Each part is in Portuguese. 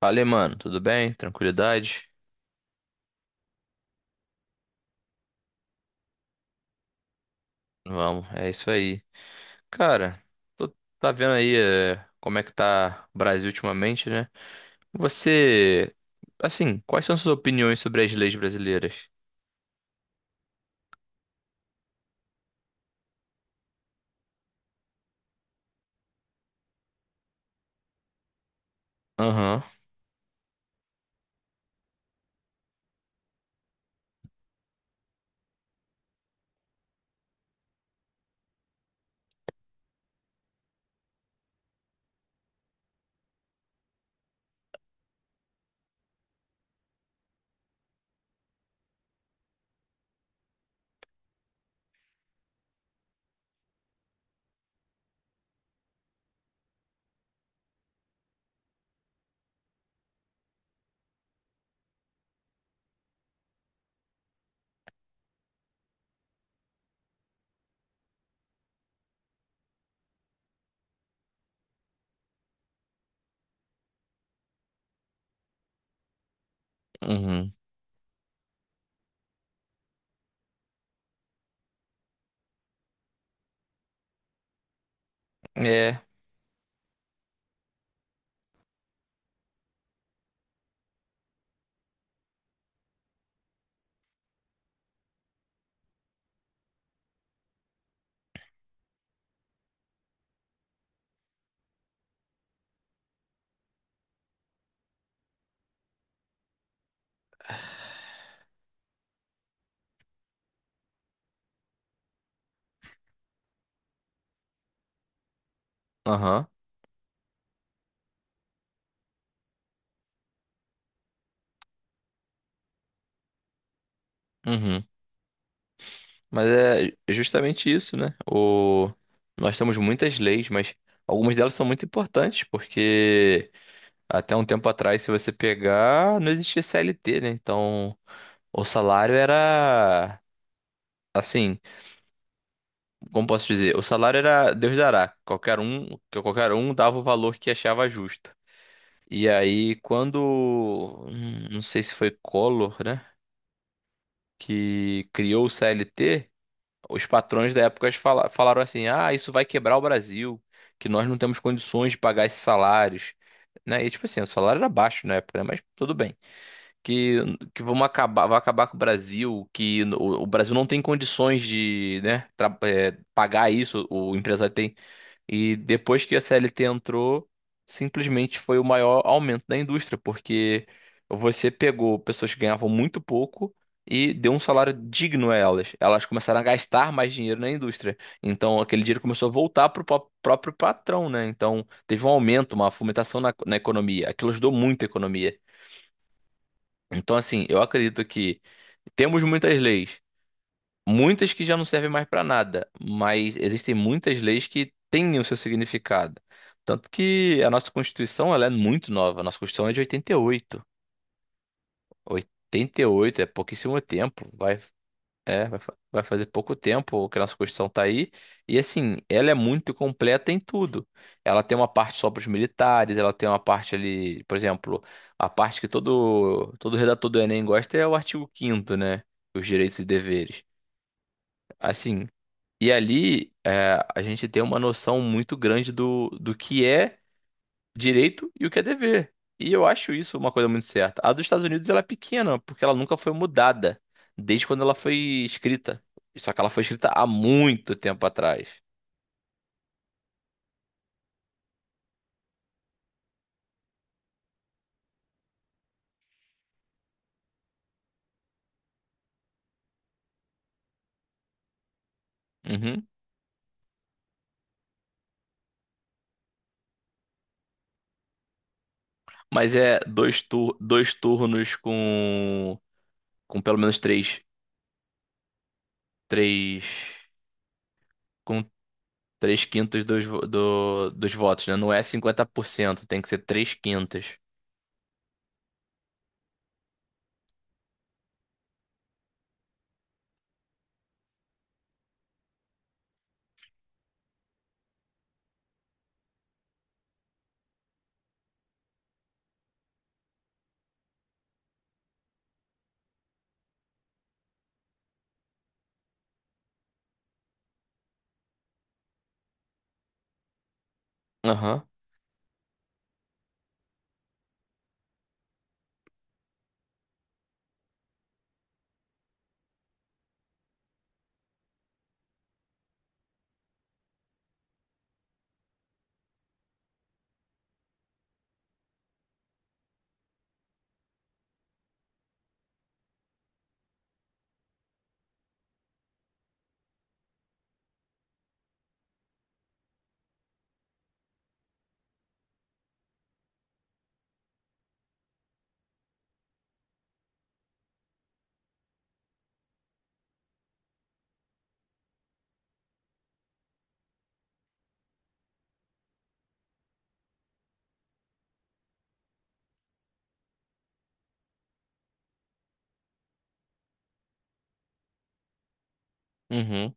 Fala, mano, tudo bem? Tranquilidade? Vamos, é isso aí. Cara, tu tá vendo aí como é que tá o Brasil ultimamente, né? Você, assim, quais são suas opiniões sobre as leis brasileiras? Aham. Uhum. É. Aham. Uhum. Mas é justamente isso, né? O... Nós temos muitas leis, mas algumas delas são muito importantes, porque até um tempo atrás, se você pegar, não existia CLT, né? Então, o salário era. Assim, como posso dizer, o salário era Deus dará. Qualquer um, que qualquer um dava o valor que achava justo. E aí, quando, não sei se foi Collor, né, que criou o CLT, os patrões da época falaram assim: "Ah, isso vai quebrar o Brasil, que nós não temos condições de pagar esses salários", né? E tipo assim, o salário era baixo na época, né? Mas tudo bem. que, que vamos acabar, vai acabar com o Brasil, que Brasil não tem condições de, né, pagar isso, o empresário tem. E depois que a CLT entrou, simplesmente foi o maior aumento da indústria, porque você pegou pessoas que ganhavam muito pouco e deu um salário digno a elas. Elas começaram a gastar mais dinheiro na indústria. Então aquele dinheiro começou a voltar para o próprio patrão, né? Então teve um aumento, uma fomentação na economia. Aquilo ajudou muito a economia. Então, assim, eu acredito que temos muitas leis, muitas que já não servem mais para nada, mas existem muitas leis que têm o seu significado. Tanto que a nossa Constituição, ela é muito nova. A nossa Constituição é de 88. 88 é pouquíssimo tempo. Vai é, vai, fa- Vai fazer pouco tempo que a nossa Constituição tá aí. E assim, ela é muito completa em tudo. Ela tem uma parte só para os militares, ela tem uma parte ali, por exemplo, a parte que todo redator do Enem gosta é o artigo quinto, né? Os direitos e deveres. Assim, e ali é, a gente tem uma noção muito grande do que é direito e o que é dever. E eu acho isso uma coisa muito certa. A dos Estados Unidos ela é pequena, porque ela nunca foi mudada desde quando ela foi escrita. Só que ela foi escrita há muito tempo atrás. Uhum. Mas é dois turnos com pelo menos três, com três quintos dos votos, né? Não é cinquenta por cento, tem que ser três quintos. Aham. Uhum.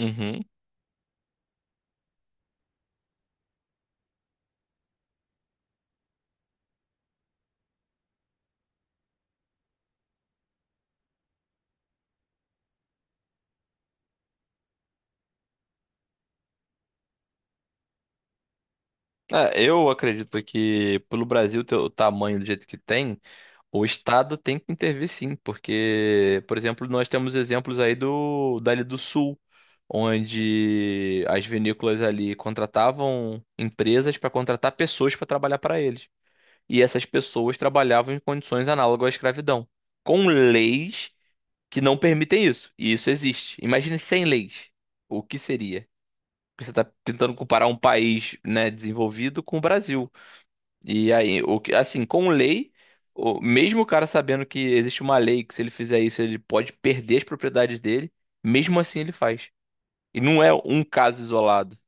Uhum. É, eu acredito que pelo Brasil ter o tamanho do jeito que tem, o Estado tem que intervir sim, porque, por exemplo, nós temos exemplos aí do dali do Sul, onde as vinícolas ali contratavam empresas para contratar pessoas para trabalhar para eles. E essas pessoas trabalhavam em condições análogas à escravidão, com leis que não permitem isso. E isso existe. Imagine sem leis. O que seria? Porque você está tentando comparar um país, né, desenvolvido com o Brasil. E aí, o que, assim, com lei, o, mesmo o cara sabendo que existe uma lei que se ele fizer isso, ele pode perder as propriedades dele, mesmo assim ele faz. E não é um caso isolado.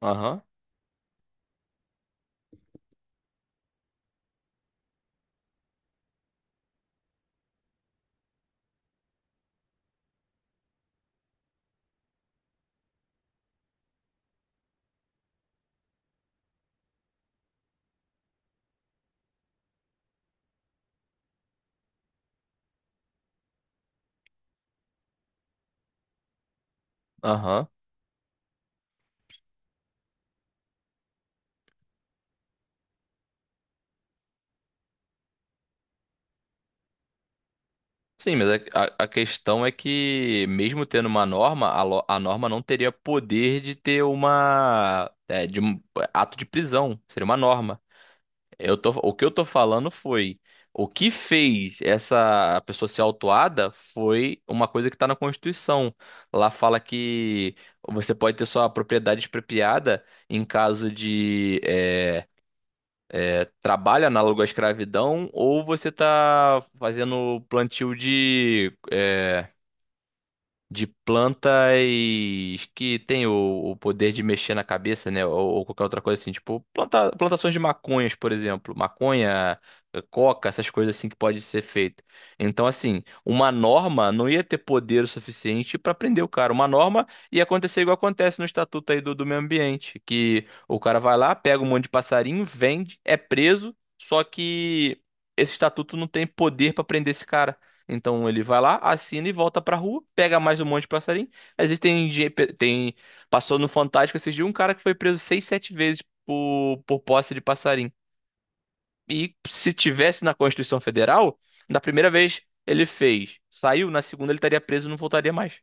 Aham, aham. Sim, mas a questão é que, mesmo tendo uma norma, a norma não teria poder de ter uma, é, de um ato de prisão. Seria uma norma. Eu tô, o que eu tô falando foi, o que fez essa pessoa ser autuada foi uma coisa que tá na Constituição. Lá fala que você pode ter sua propriedade expropriada em caso de trabalho análogo à escravidão, ou você tá fazendo plantio de de plantas que tem o poder de mexer na cabeça, né? Ou qualquer outra coisa assim, tipo plantações de maconhas, por exemplo, maconha, eh, coca, essas coisas assim que pode ser feito. Então, assim, uma norma não ia ter poder o suficiente para prender o cara. Uma norma ia acontecer igual acontece no estatuto aí do meio ambiente, que o cara vai lá, pega um monte de passarinho, vende, é preso, só que esse estatuto não tem poder para prender esse cara. Então ele vai lá, assina e volta pra rua, pega mais um monte de passarinho. Existem, ge- pe- tem, Passou no Fantástico esses dias um cara que foi preso seis, sete vezes por posse de passarinho. E se tivesse na Constituição Federal, na primeira vez ele fez, saiu, na segunda ele estaria preso e não voltaria mais.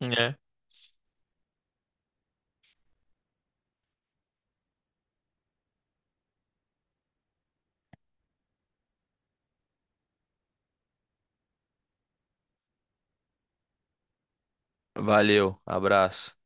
É. Valeu, abraço.